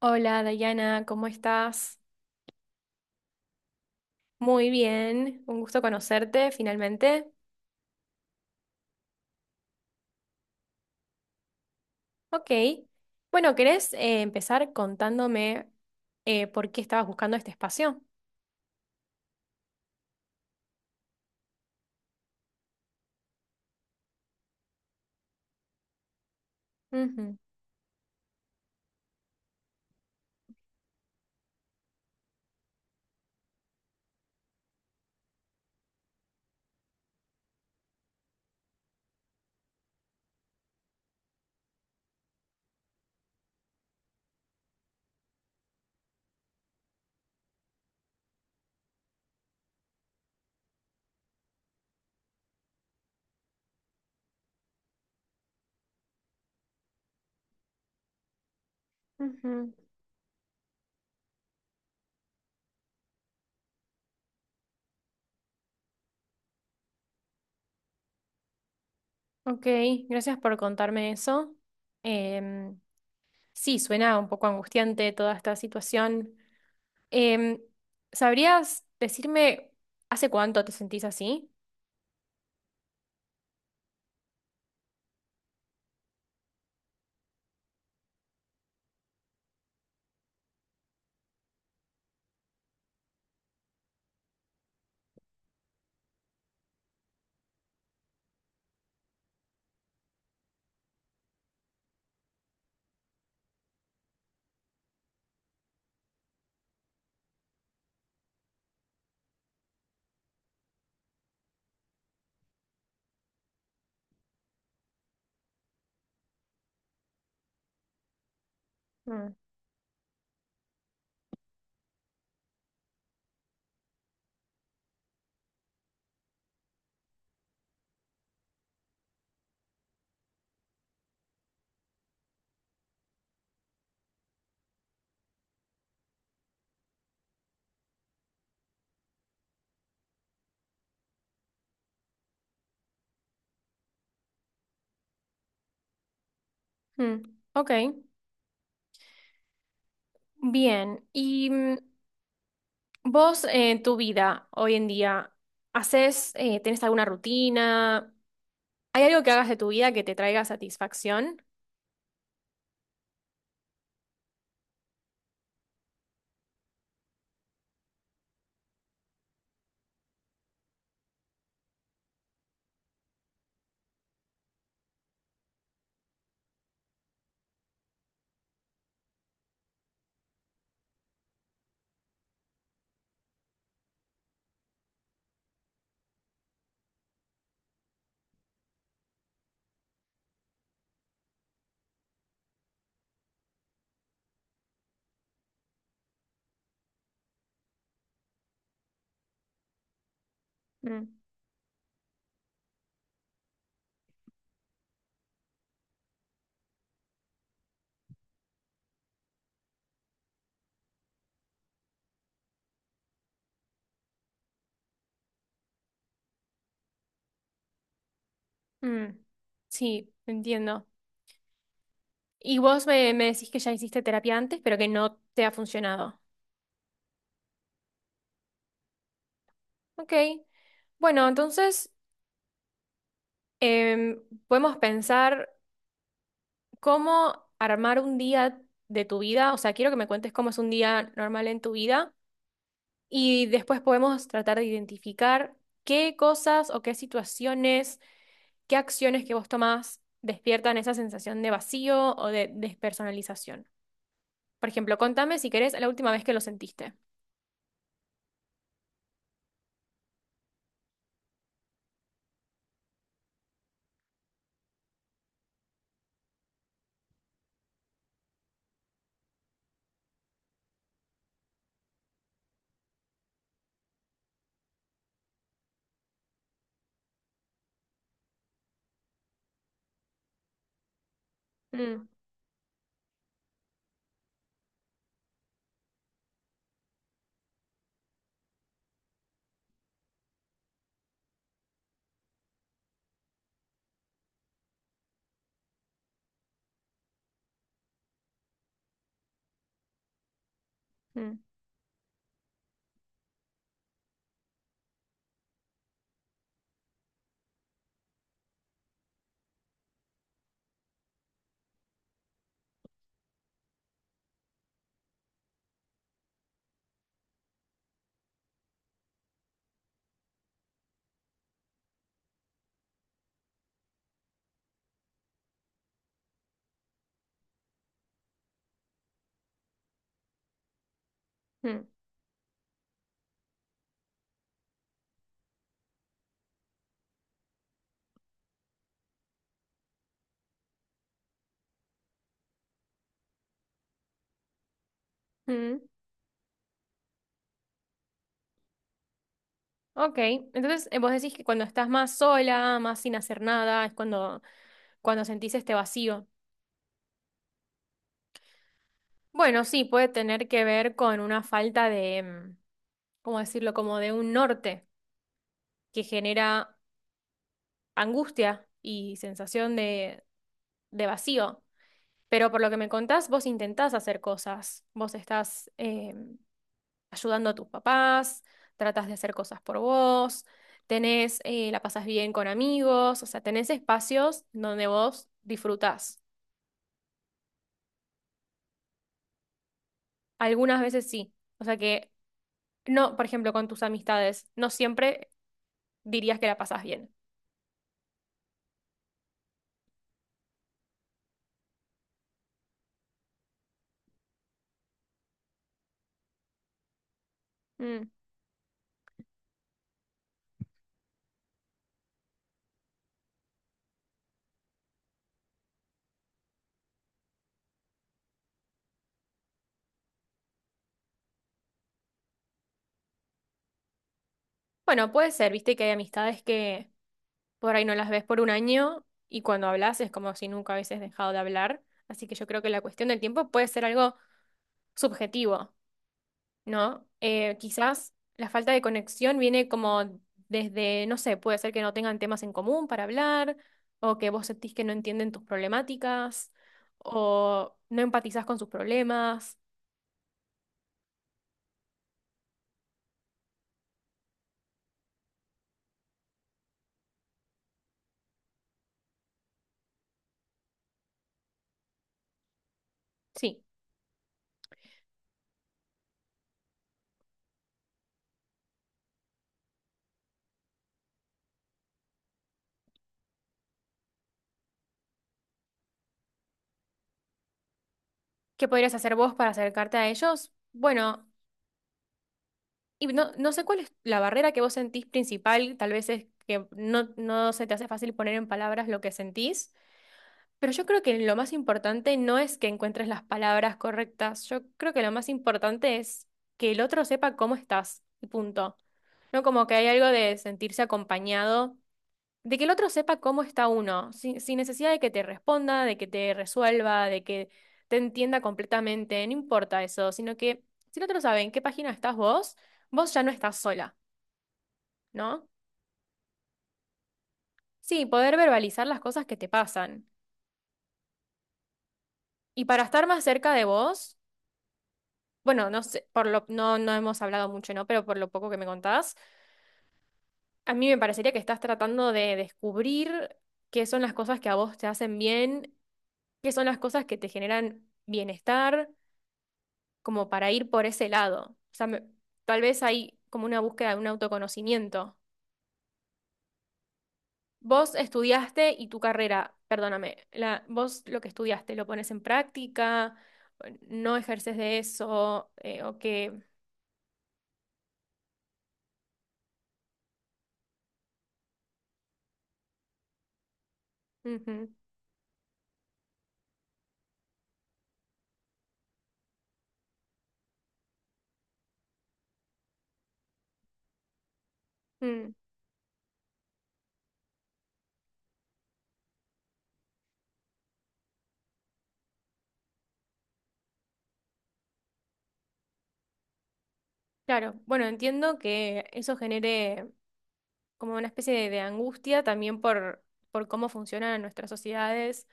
Hola Dayana, ¿cómo estás? Muy bien, un gusto conocerte finalmente. Ok, bueno, ¿querés empezar contándome por qué estabas buscando este espacio? Ujú, ujú. Ok, gracias por contarme eso. Em, sí, suena un poco angustiante toda esta situación. Em, ¿Sabrías decirme hace cuánto te sentís así? Mm, mm. Ok, bien. ¿Y mm, vos en tu vida hoy en día, ¿haces, tenés alguna rutina? ¿Hay algo que hagas de tu vida que te traiga satisfacción? Mm, mm. Sí, entiendo. Y vos me decís que ya hiciste terapia antes, pero que no te ha funcionado. Ok, bueno, entonces em, podemos pensar cómo armar un día de tu vida, o sea, quiero que me cuentes cómo es un día normal en tu vida y después podemos tratar de identificar qué cosas o qué situaciones, qué acciones que vos tomás despiertan esa sensación de vacío o de despersonalización. Por ejemplo, contame si querés la última vez que lo sentiste. Mm, mm, mm, mm. Ok, entonces vos decís que cuando estás más sola, más sin hacer nada, es cuando, cuando sentís este vacío. Bueno, sí, puede tener que ver con una falta de, mm, ¿cómo decirlo? Como de un norte que genera angustia y sensación de vacío. Pero por lo que me contás, vos intentás hacer cosas. Vos estás ayudando a tus papás, tratás de hacer cosas por vos, tenés, la pasás bien con amigos, o sea, tenés espacios donde vos disfrutás. Algunas veces sí. O sea que, no, por ejemplo, con tus amistades, no siempre dirías que la pasás bien. Mm. Bueno, puede ser, viste que hay amistades que por ahí no las ves por un año y cuando hablas es como si nunca hubieses dejado de hablar. Así que yo creo que la cuestión del tiempo puede ser algo subjetivo, ¿no? Quizás la falta de conexión viene como desde, no sé, puede ser que no tengan temas en común para hablar o que vos sentís que no entienden tus problemáticas o no empatizás con sus problemas. Sí. ¿Qué podrías hacer vos para acercarte a ellos? Bueno. Y no, no sé cuál es la barrera que vos sentís principal, tal vez es que no, no se te hace fácil poner en palabras lo que sentís, pero yo creo que lo más importante no es que encuentres las palabras correctas, yo creo que lo más importante es que el otro sepa cómo estás, y punto. No como que hay algo de sentirse acompañado, de que el otro sepa cómo está uno, sin necesidad de que te responda, de que te resuelva, de que te entienda completamente, no importa eso, sino que si el otro sabe en qué página estás vos, vos ya no estás sola. ¿No? Sí, poder verbalizar las cosas que te pasan. Y para estar más cerca de vos, bueno, no sé, por lo, no, no hemos hablado mucho, ¿no? Pero por lo poco que me contás, a mí me parecería que estás tratando de descubrir qué son las cosas que a vos te hacen bien, qué son las cosas que te generan bienestar, como para ir por ese lado. O sea, me- tal vez hay como una búsqueda de un autoconocimiento. Vos estudiaste y tu carrera, perdóname, la, vos lo que estudiaste, ¿lo pones en práctica? ¿No ejerces de eso? ¿O qué? Ujú, mm. Claro, bueno, entiendo que eso genere como una especie de angustia también por cómo funcionan nuestras sociedades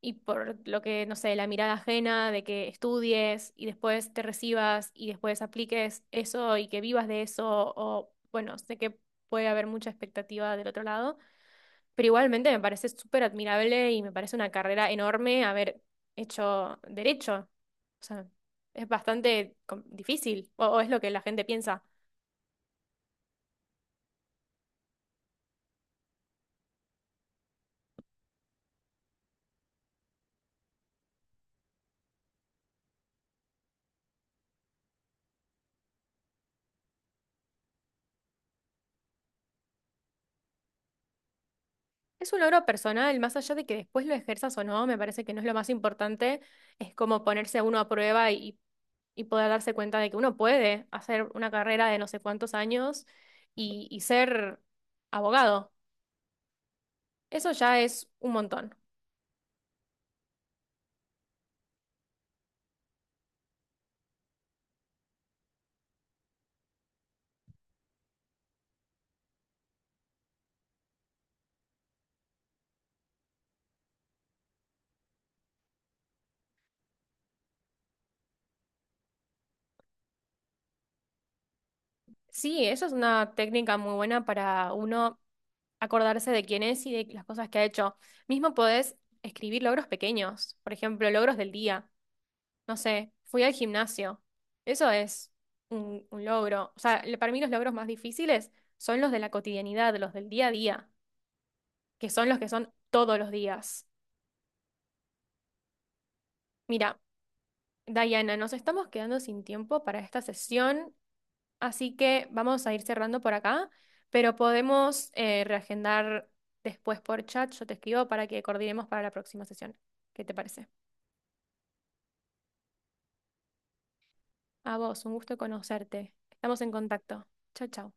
y por lo que, no sé, la mirada ajena de que estudies y después te recibas y después apliques eso y que vivas de eso o, bueno, sé que puede haber mucha expectativa del otro lado. Pero igualmente me parece súper admirable y me parece una carrera enorme haber hecho derecho. O sea, es bastante com- difícil, o es lo que la gente piensa. Es un logro personal, más allá de que después lo ejerzas o no, me parece que no es lo más importante, es como ponerse uno a prueba y poder darse cuenta de que uno puede hacer una carrera de no sé cuántos años y ser abogado. Eso ya es un montón. Sí, eso es una técnica muy buena para uno acordarse de quién es y de las cosas que ha hecho. Mismo podés escribir logros pequeños, por ejemplo, logros del día. No sé, fui al gimnasio. Eso es un logro. O sea, le- para mí los logros más difíciles son los de la cotidianidad, los del día a día, que son los que son todos los días. Mira, Diana, nos estamos quedando sin tiempo para esta sesión. Así que vamos a ir cerrando por acá, pero podemos reagendar después por chat. Yo te escribo para que coordinemos para la próxima sesión. ¿Qué te parece? A vos, un gusto conocerte. Estamos en contacto. Chao, chao.